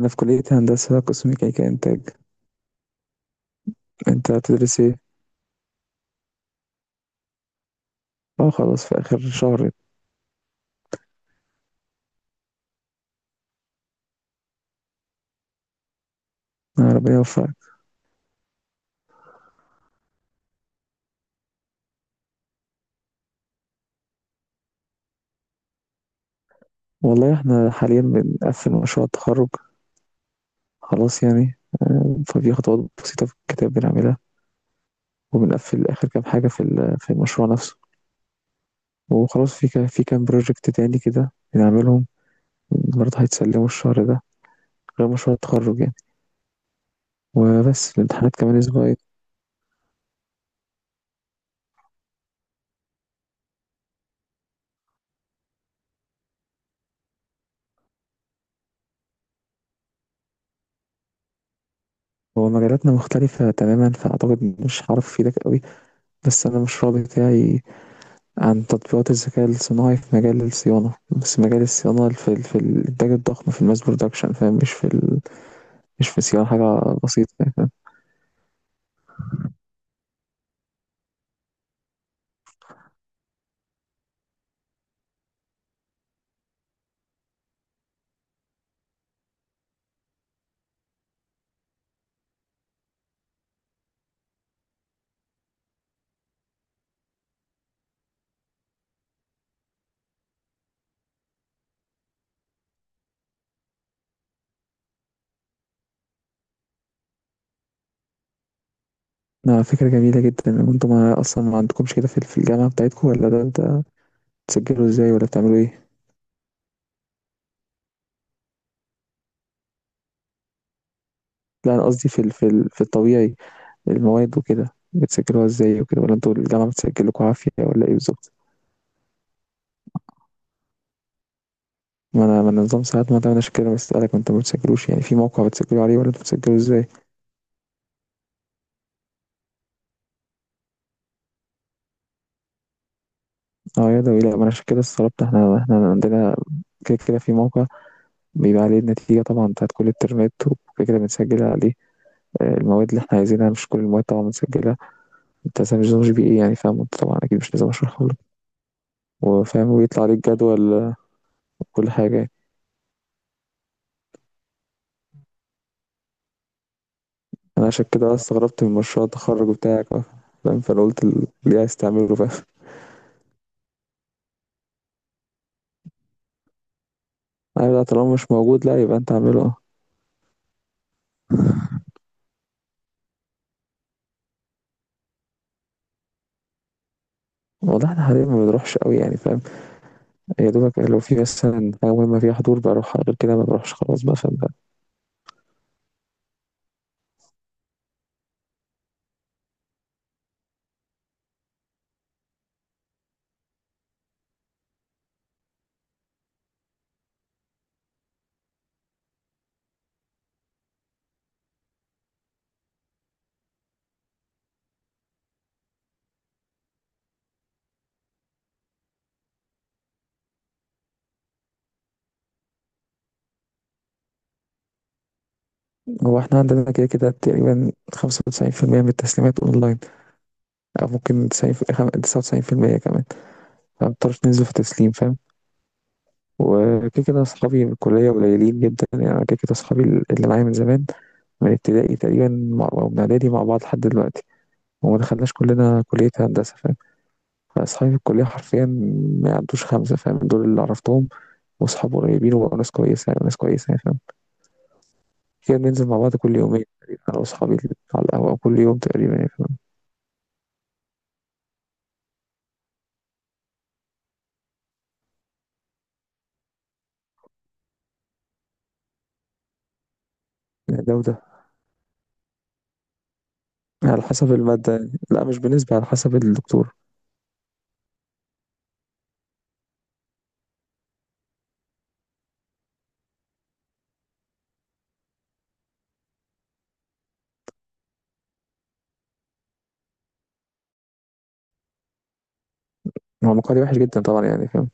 أنا في كلية هندسة قسم ميكانيكا إنتاج. أنت هتدرس إيه؟ أه، خلاص في آخر شهر. آه، ربنا يوفقك. والله إحنا حاليا بنقفل مشروع التخرج، خلاص يعني. ففي خطوات بسيطة في الكتاب بنعملها، وبنقفل آخر كام حاجة في المشروع نفسه. وخلاص في في كام بروجكت تاني كده بنعملهم. برضه هيتسلموا الشهر ده، غير مشروع التخرج يعني. وبس الامتحانات كمان أسبوعين. هو مجالاتنا مختلفة تماما، فأعتقد مش هعرف أفيدك قوي. بس أنا المشروع بتاعي عن تطبيقات الذكاء الصناعي في مجال الصيانة، بس مجال الصيانة في الإنتاج الضخم، في الماس برودكشن، فاهم؟ مش في مش في صيانة حاجة بسيطة يعني، فاهم؟ آه، فكرة جميلة جدا. انتوا ما أصلا ما عندكمش كده في الجامعة بتاعتكم؟ ولا ده انت بتسجلوا ازاي؟ ولا بتعملوا ايه؟ لا، أنا قصدي في الطبيعي، المواد وكده بتسجلوها ازاي وكده؟ ولا انتوا الجامعة بتسجلكوا عافية ولا ايه بالظبط؟ ما أنا نظام ساعات. ما ده أنا عشان كده بسألك. وانتوا ما بتسجلوش يعني في موقع بتسجلوا عليه؟ ولا انتوا بتسجلوا ازاي؟ اه، يدوي. لا، ما انا عشان كده استغربت. احنا عندنا كده كده في موقع بيبقى عليه النتيجة طبعا بتاعت كل الترمات، وكده كده بنسجل عليه آه، المواد اللي احنا عايزينها. مش كل المواد طبعا بنسجلها. انت مثلا مش نظام جي بي اي، يعني فاهم. انت طبعا اكيد مش لازم اشرحه لك. وفاهم، ويطلع عليك جدول كل حاجة يعني. انا عشان كده استغربت من مشروع التخرج بتاعك آه، فاهم. فانا قلت ليه عايز تعمله، فاهم. انا لا، طالما مش موجود، لا، يبقى انت اعمله، اه. والله احنا حاليا ما بنروحش قوي يعني، فاهم. يا دوبك لو في مثلا حاجة مهمة فيها حضور بروح، غير كده ما بروحش خلاص بقى، فاهم. هو احنا عندنا كده كده تقريبا 95% من التسليمات اونلاين. او ممكن 99% كمان. فمبنضطرش ننزل في تسليم، فاهم. وكده كده اصحابي من الكلية قليلين جدا يعني. أنا كده كده اصحابي اللي معايا من زمان، من ابتدائي تقريبا مع- او من اعدادي مع بعض لحد دلوقتي. وما دخلناش كلنا كلية هندسة، فاهم. فاصحابي في الكلية حرفيا ما يعدوش خمسة، فاهم. دول اللي عرفتهم واصحاب قريبين وبقوا ناس كويسة يعني، ناس كويسة يعني، فاهم. كده بننزل مع بعض كل يومين تقريبا، انا واصحابي، على القهوة كل يوم تقريبا يعني، فاهم. يعني ده وده، على حسب المادة يعني. لا، مش بنسبة، على حسب الدكتور. هو مقالي وحش جدا طبعا يعني، فاهم.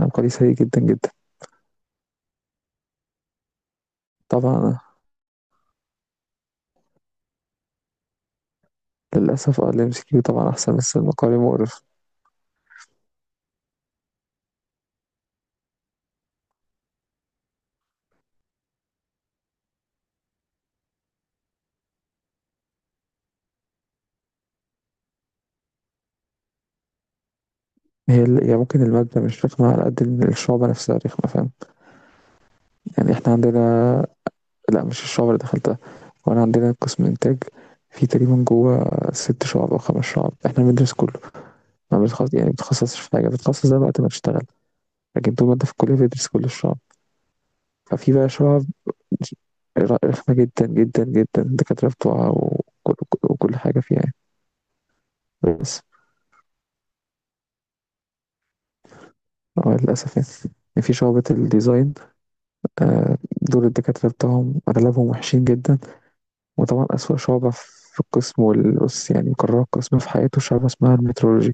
مقالي سيء جدا جدا طبعا. للأسف اه، ال MCQ طبعا أحسن، بس المقالي مقرف. هي ممكن المادة مش رخمة على قد إن الشعبة نفسها رخمة، فاهم. يعني احنا عندنا، لا مش الشعبة اللي دخلتها. وانا عندنا قسم إنتاج، في تقريبا جوه ست شعب أو خمس شعب احنا بندرس كله. ما بنتخصص، يعني بتخصصش في حاجة، بتتخصص ده وقت ما تشتغل. لكن طول ما انت في الكلية بتدرس كل الشعب. ففي بقى شعب رخمة جدا جدا جدا، الدكاترة بتوعها وكل وكل حاجة فيها يعني. بس اه، للأسف يعني. يعني في شعبة الديزاين آه، دول الدكاترة بتوعهم أغلبهم وحشين جدا. وطبعا أسوأ شعبة في القسم والأس، يعني قرار القسم في حياته، شعبة اسمها المترولوجي،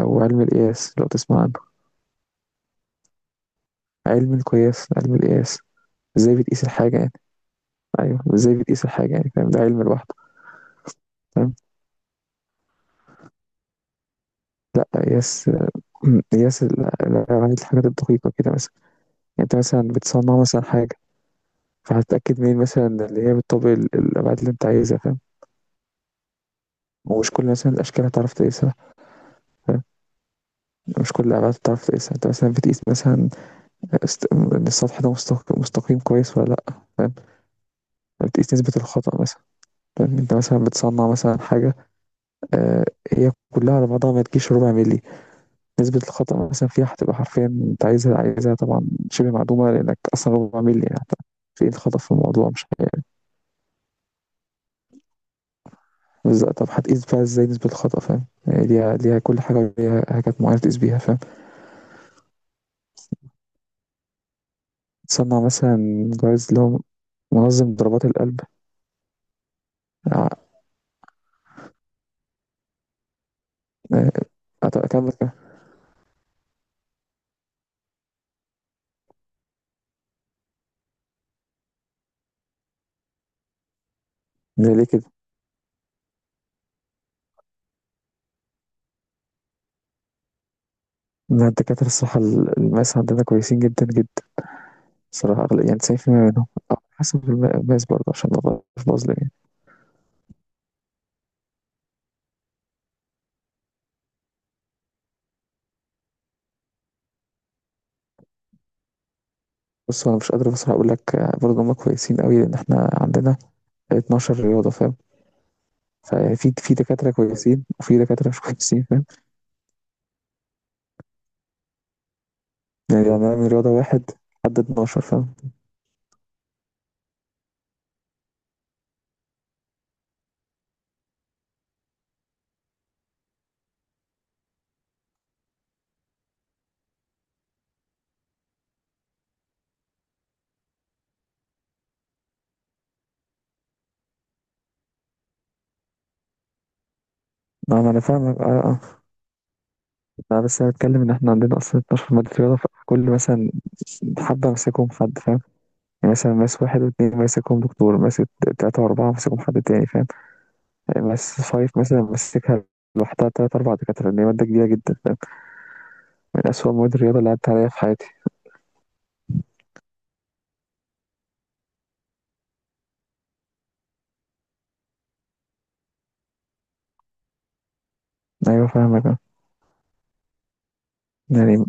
أو علم القياس لو تسمع عنه. علم القياس، علم القياس، ازاي بتقيس الحاجة يعني. أيوه، ازاي بتقيس الحاجة يعني، فاهم. ده علم لوحده، فاهم. قياس، يعني الحاجات الدقيقة كده مثلا. يعني أنت مثلا بتصنع مثلا حاجة، فهتتأكد منين مثلا اللي هي بتطبق الأبعاد اللي أنت عايزها، فاهم. ومش كل مثلا الأشكال هتعرف تقيسها، فاهم. مش كل الأبعاد هتعرف تقيسها. أنت مثلا بتقيس مثلا إن السطح ده مستقيم كويس ولا لأ، فاهم. يعني بتقيس نسبة الخطأ مثلا، فاهم. أنت مثلا بتصنع مثلا حاجة آه، هي كلها على بعضها ما تجيش ربع ملي. نسبة الخطأ مثلا فيها هتبقى حرفيا أنت عايزها طبعا شبه معدومة، لأنك أصلا ربع ملي يعني، في إيه الخطأ في الموضوع؟ مش طب هتقيس بقى إزاي نسبة الخطأ، فاهم؟ هي ليها كل حاجة، ليها حاجات معينة تقيس بيها، فاهم. تصنّع مثلًا جهاز اللي هو منظم ضربات القلب. ع آه، أكمّل كلام. زي ليه كده، إن الدكاترة الصراحة الماس عندنا كويسين جدًا جدًا الصراحة. يعني 90% منهم، أو حسب الماس برضه عشان ما ابقاش باظلم يعني. بُص، هو أنا مش قادر بصراحة أقول لك آه، برضه هُم كويسين أوي، لإن إحنا عندنا 12 رياضة، فاهم. فيعني في في دكاترة كويسين وفي دكاترة مش كويسين، فاهم. يعني أنا من رياضة 1 لحد 12، فاهم. اه، ما انا فاهمك، اه اه. لا، بس انا بتكلم ان احنا عندنا اصلا 12 مادة رياضة. فكل مثلا حبة ماسكهم حد، فاهم. يعني مثلا ماس واحد واتنين ماسكهم دكتور، ماسك تلاتة وأربعة ماسكهم حد تاني، فاهم. ماس فايف مثلا ماسكها لوحدها تلات أربع دكاترة، لأن هي مادة كبيرة جدا، فاهم. من أسوأ مواد الرياضة اللي عدت عليا في حياتي. أيوة فاهمك اه. يعني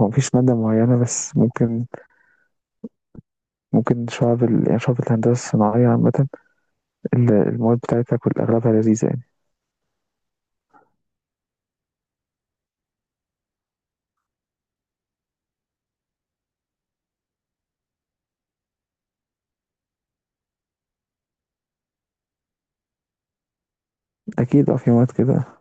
هو مفيش مادة معينة، بس ممكن، ممكن يعني شعب الهندسة الصناعية عامة، المواد بتاعتها كل أغلبها لذيذة يعني. أكيد اه، في مواد كده.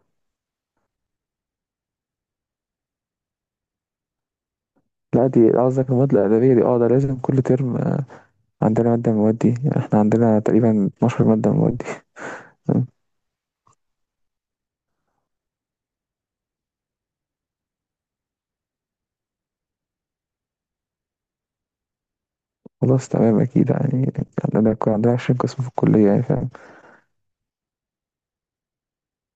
لا، دي قصدك المواد الأدبية دي، اه ده لازم كل ترم عندنا مادة من المواد دي يعني. احنا عندنا تقريبا 12 مادة من المواد دي. خلاص تمام، أكيد يعني. عندنا 20 قسم في الكلية يعني.